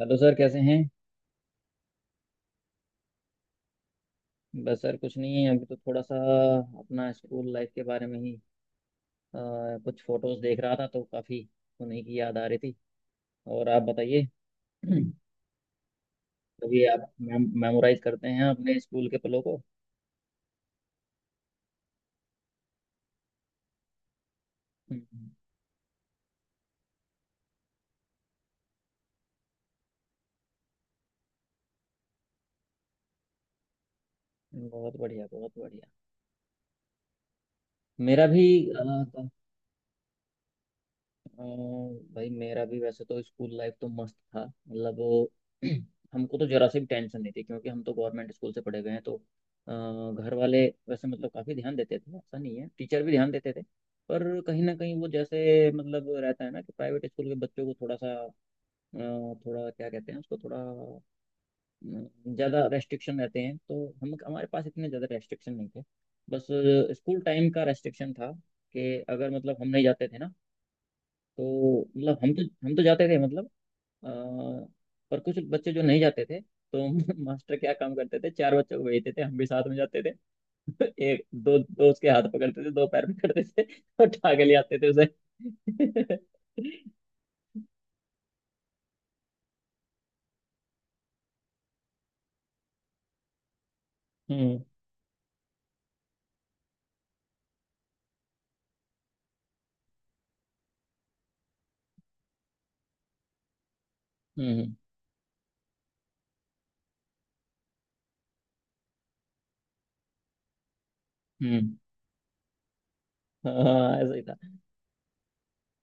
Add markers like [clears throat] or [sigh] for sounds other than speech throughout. Hello sir कैसे हैं। बस सर कुछ नहीं है, अभी तो थोड़ा सा अपना स्कूल लाइफ के बारे में ही अ, कुछ फोटोज देख रहा था तो काफ़ी उन्हीं की याद आ रही थी। और आप बताइए, कभी आप मेमोराइज करते हैं अपने स्कूल के पलों को। हम्म, बहुत बढ़िया, बहुत बढ़िया। मेरा भी अ, भाई मेरा भी वैसे तो स्कूल लाइफ तो मस्त था, मतलब वो [clears throat] हमको तो जरा से भी टेंशन नहीं थी क्योंकि हम तो गवर्नमेंट स्कूल से पढ़े गए हैं। तो अ, घर वाले वैसे मतलब काफ़ी ध्यान देते थे, ऐसा नहीं है, टीचर भी ध्यान देते थे। पर कहीं ना कहीं वो जैसे मतलब रहता है ना कि प्राइवेट स्कूल के बच्चों को थोड़ा सा थोड़ा क्या कहते हैं उसको, थोड़ा ज़्यादा रेस्ट्रिक्शन रहते हैं। तो हम हमारे पास इतने ज़्यादा रेस्ट्रिक्शन नहीं थे। बस स्कूल टाइम का रेस्ट्रिक्शन था कि अगर मतलब हम नहीं जाते थे ना, तो मतलब हम तो जाते थे, मतलब अ, पर कुछ बच्चे जो नहीं जाते थे तो [laughs] मास्टर क्या काम करते थे, चार बच्चों को भेजते थे, हम भी साथ में जाते थे। [laughs] एक दो दो उसके हाथ पकड़ते थे, दो पैर पकड़ते थे, [laughs] और उठा के ले आते थे उसे। [laughs] हम्म। हम्म। हम्म। हाँ ऐसा ही था।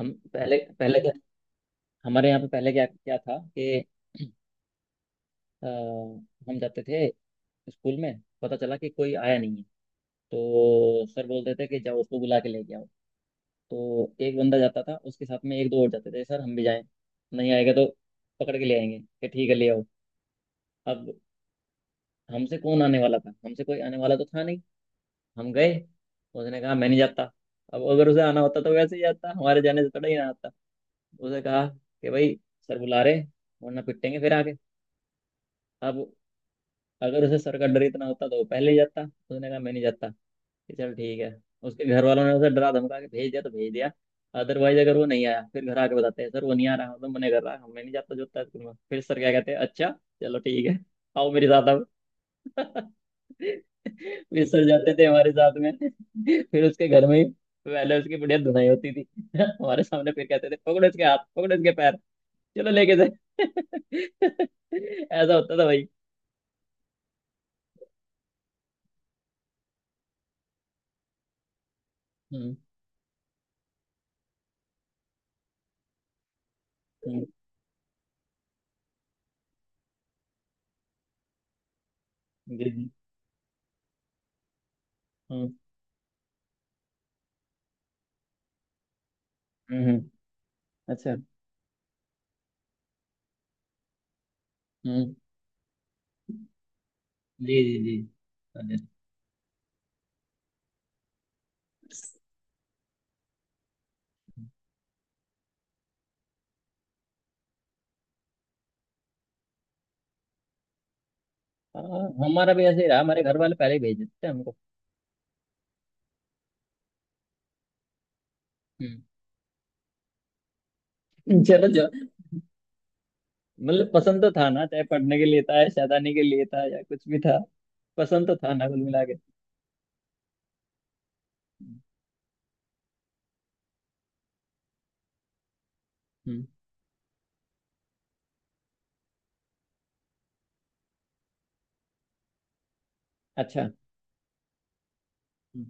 हम पहले पहले क्या हमारे यहाँ पे पहले क्या क्या था कि अ, हम जाते थे, स्कूल में पता चला कि कोई आया नहीं है, तो सर बोलते थे कि जाओ उसको बुला के लेके आओ। तो एक बंदा जाता था, उसके साथ में एक दो और जाते थे, सर हम भी जाएं, नहीं आएगा तो पकड़ के ले आएंगे। कि ठीक है ले आओ। अब हमसे कौन आने वाला था, हमसे कोई आने वाला तो था नहीं। हम गए, उसने कहा मैं नहीं जाता। अब अगर उसे आना होता तो वैसे ही आता, हमारे जाने से थोड़ा ही ना आता। उसे कहा कि भाई सर बुला रहे हैं, वरना पिटेंगे फिर आके। अब अगर उसे सर का डर इतना होता तो वो पहले ही जाता। उसने कहा मैं नहीं जाता, कि चल ठीक है। उसके घर वालों ने उसे डरा धमका के भेज दिया तो भेज दिया, अदरवाइज अगर वो नहीं आया फिर घर आके बताते हैं सर वो नहीं आ रहा, मतलब मना कर रहा है, मैं नहीं जाता जोता स्कूल में। फिर सर क्या कहते हैं, अच्छा चलो ठीक है, आओ मेरे साथ अब। [laughs] फिर सर जाते थे हमारे साथ में। [laughs] फिर उसके घर में ही पहले उसकी बढ़िया धुनाई होती थी। [laughs] हमारे सामने फिर कहते थे पकड़ो इसके हाथ, पकड़ो इसके पैर, चलो लेके जाए। [laughs] ऐसा होता था भाई। हम्म। हम्म। जी जी। हम्म। हम्म। अच्छा। हम्म। जी जी जी। अरे। हाँ हमारा भी ऐसे ही रहा, हमारे घर वाले पहले ही भेज देते थे हमको। हम्म। चलो जो, मतलब पसंद तो था ना, चाहे पढ़ने के लिए था या शैतानी के लिए था या कुछ भी था, पसंद तो था ना कुल मिला के। हम्म। हम्म। अच्छा। हम्म।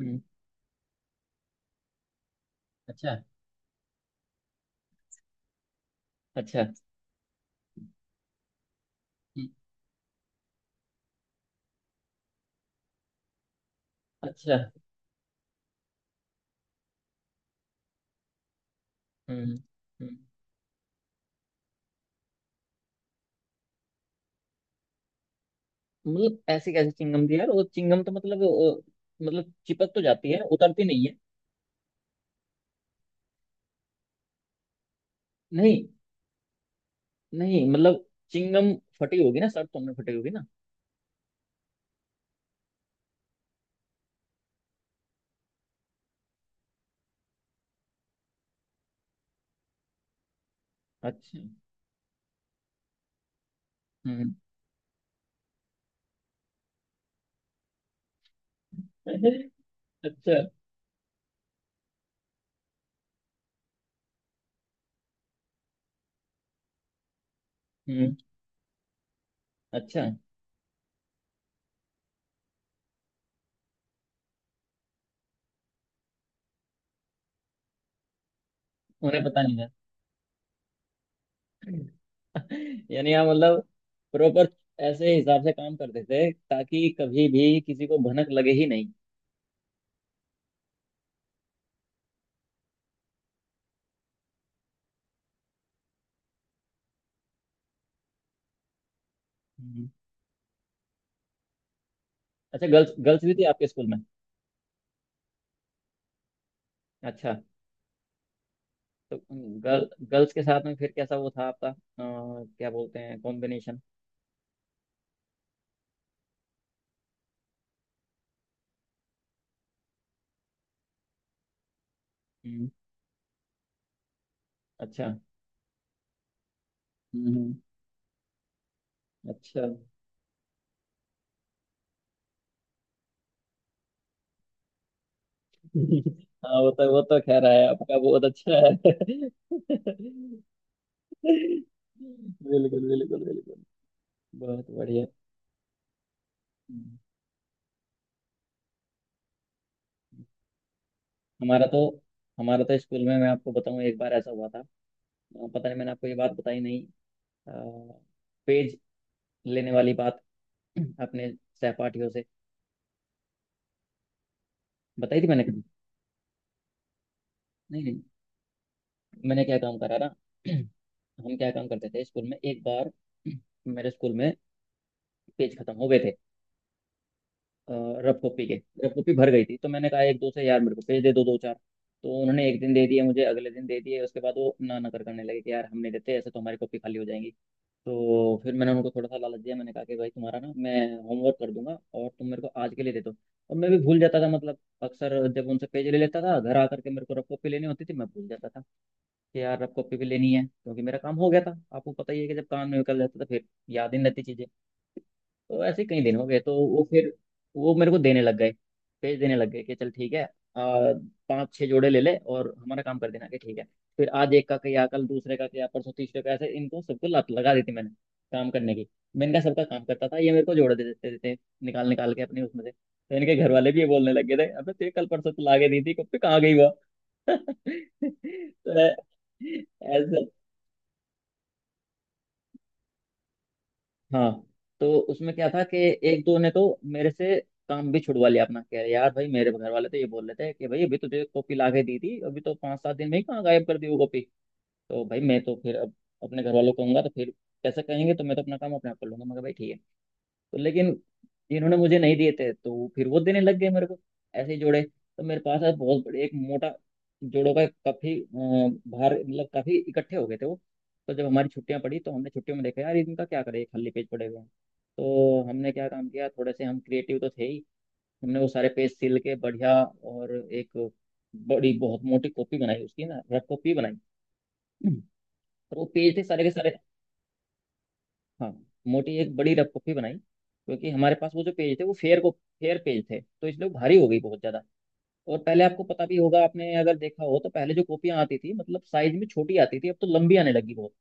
हम्म। अच्छा। अच्छा। हम्म। अच्छा। हम्म। हम्म। मतलब ऐसी कैसी चिंगम थी यार, वो चिंगम तो मतलब मतलब चिपक तो जाती है, उतरती नहीं है। नहीं। नहीं मतलब चिंगम फटी होगी ना शर्ट, तुमने फटी होगी ना। अच्छा। हम्म। [laughs] अच्छा। हम्म। अच्छा। उन्हें पता नहीं था। [laughs] यानी आप मतलब प्रॉपर ऐसे हिसाब से काम करते थे ताकि कभी भी किसी को भनक लगे ही नहीं। हम्म। अच्छा, गर्ल्स गर्ल्स भी थी आपके स्कूल में। अच्छा। तो गर्ल्स के साथ में फिर कैसा वो था आपका, क्या बोलते हैं, कॉम्बिनेशन। हम्म। अच्छा। हम्म। अच्छा। [laughs] हाँ वो तो, वो तो खैर है आपका बहुत अच्छा है। [laughs] बिल्कुल बिल्कुल बिल्कुल। बहुत बढ़िया। हम्म। हमारा तो, हमारा तो स्कूल में, मैं आपको बताऊं, एक बार ऐसा हुआ था। पता नहीं मैंने आपको ये बात बताई नहीं, अ, पेज लेने वाली बात अपने सहपाठियों से, बताई थी मैंने कभी। नहीं नहीं, मैंने क्या काम करा ना, [clears throat] हम क्या काम करते थे स्कूल में एक बार, [clears throat] मेरे स्कूल में पेज खत्म हो गए थे अ, रफ कॉपी के। रफ कॉपी भर गई थी तो मैंने कहा एक दो से, यार मेरे को पेज दे दो, दो चार। तो उन्होंने एक दिन दे दिए मुझे, अगले दिन दे दिए, उसके बाद वो ना ना कर करने लगे कि यार हम नहीं देते ऐसे, तो हमारी कॉपी खाली हो जाएंगी। तो फिर मैंने उनको थोड़ा सा लालच दिया, मैंने कहा कि भाई तुम्हारा ना मैं होमवर्क कर दूंगा, और तुम मेरे को आज के लिए दे दो। और मैं भी भूल जाता था, मतलब अक्सर जब उनसे पेज ले लेता था, घर आकर के मेरे को रफ कॉपी लेनी होती थी, मैं भूल जाता था कि यार रफ कॉपी भी लेनी है, क्योंकि मेरा काम हो गया था। आपको पता ही है कि जब काम निकल जाता था फिर याद ही नहीं रहती चीजें। तो ऐसे कई दिन हो गए तो वो फिर, वो मेरे को देने लग गए, पेज देने लग गए कि चल ठीक है। पांच छह जोड़े ले ले और हमारा काम कर देना। कि ठीक है। फिर आज एक का किया, कल दूसरे का किया, परसों तीसरे का, ऐसे इनको सबको लत लगा दी थी मैंने काम करने की। मैंने कहा सबका काम करता था, ये मेरे को जोड़े दे देते देते निकाल निकाल के अपने उसमें से। तो इनके घर वाले भी ये बोलने लग गए थे अबे तेरे कल परसों तो लागे दी थी कब पे, कहाँ गई वो। [laughs] तो ऐसा। हाँ। तो उसमें क्या था कि एक दो ने तो मेरे से काम भी छुड़वा लिया अपना, कह रहे यार भाई मेरे घर वाले तो ये बोल रहे थे कि भाई अभी तुझे कॉपी ला के दी थी, अभी तो पाँच सात दिन में ही कहाँ गायब कर दी वो कॉपी। तो भाई मैं तो फिर अब अपने घर वालों को कहूंगा तो फिर कैसे कहेंगे, तो मैं तो अपना काम अपने आप कर लूंगा मगर भाई ठीक है। तो लेकिन इन्होंने मुझे नहीं दिए थे, तो फिर वो देने लग गए मेरे को ऐसे ही जोड़े। तो मेरे पास आज बहुत बड़े एक मोटा जोड़ों का काफी भार, मतलब काफी इकट्ठे हो गए थे वो। तो जब हमारी छुट्टियां पड़ी तो हमने छुट्टियों में देखा यार इनका क्या करें, ये खाली पेज पड़े हुए हैं। तो हमने क्या काम किया, थोड़े से हम क्रिएटिव तो थे ही, हमने वो सारे पेज सिल के बढ़िया और एक बड़ी बहुत मोटी कॉपी बनाई उसकी ना, रफ कॉपी बनाई, और वो पेज थे सारे के सारे। हाँ मोटी एक बड़ी रफ कॉपी बनाई, क्योंकि हमारे पास वो जो पेज थे वो फेयर को, फेयर पेज थे, तो इसलिए वो भारी हो गई बहुत ज्यादा। और पहले आपको पता भी होगा, आपने अगर देखा हो तो, पहले जो कॉपियां आती थी मतलब साइज में छोटी आती थी, अब तो लंबी आने लगी बहुत।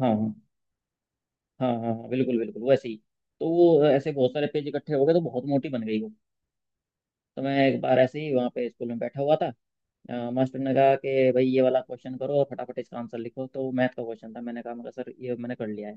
हाँ हाँ। हाँ हाँ हाँ बिल्कुल बिल्कुल वैसे ही। तो वो ऐसे बहुत सारे पेज इकट्ठे हो गए तो बहुत मोटी बन गई वो। तो मैं एक बार ऐसे ही वहाँ पे स्कूल में बैठा हुआ था, मास्टर ने कहा कि भाई ये वाला क्वेश्चन करो और फटाफट इसका आंसर लिखो, तो मैथ का क्वेश्चन था, मैंने कहा मगर सर ये मैंने कर लिया है।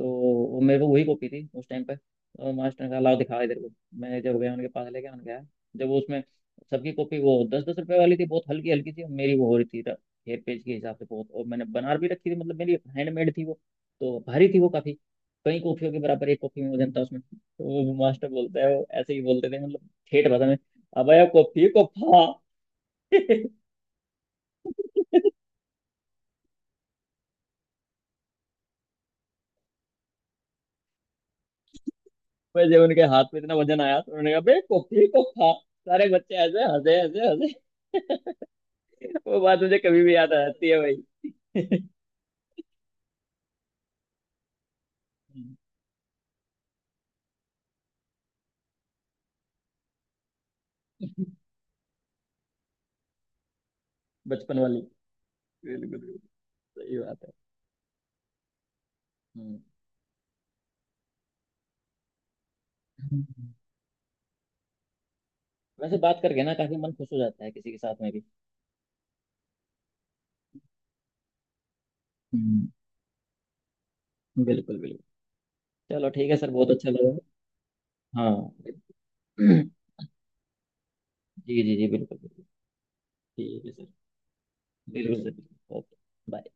तो वो मेरे को वही कॉपी थी उस टाइम पे। और मास्टर ने कहा लाओ दिखा इधर को। मैं जब गया उनके पास लेके, उन्होंने कहा, जब वो उसमें, सबकी कॉपी वो दस दस रुपए वाली थी, बहुत हल्की हल्की थी, मेरी वो हो रही थी हेयर पेज के हिसाब से बहुत, और मैंने बना भी रखी थी मतलब मेरी हैंडमेड थी वो, तो भारी थी वो काफी, कई कॉफियों के बराबर एक कॉफी में वजन था उसमें। तो वो मास्टर बोलता है, वो ऐसे ही बोलते थे मतलब ठेठ भाषा में, अब कॉफी को फा [laughs] पर जब उनके हाथ में इतना वजन आया तो उन्होंने कहा बे कॉपी को खा। सारे बच्चे ऐसे हंसे हंसे हंसे। [laughs] वो बात मुझे कभी भी याद आ जाती है भाई। [laughs] बचपन वाली। बिल्कुल बिल्कुल, सही बात है। हम्म। वैसे बात करके ना काफी मन खुश हो जाता है किसी के साथ में भी। हम्म। बिल्कुल बिल्कुल। चलो ठीक है सर, बहुत अच्छा लगा। हाँ [clears throat] जी जी जी बिल्कुल बिल्कुल। ठीक है सर। बिल्कुल सर, ओके। बाय।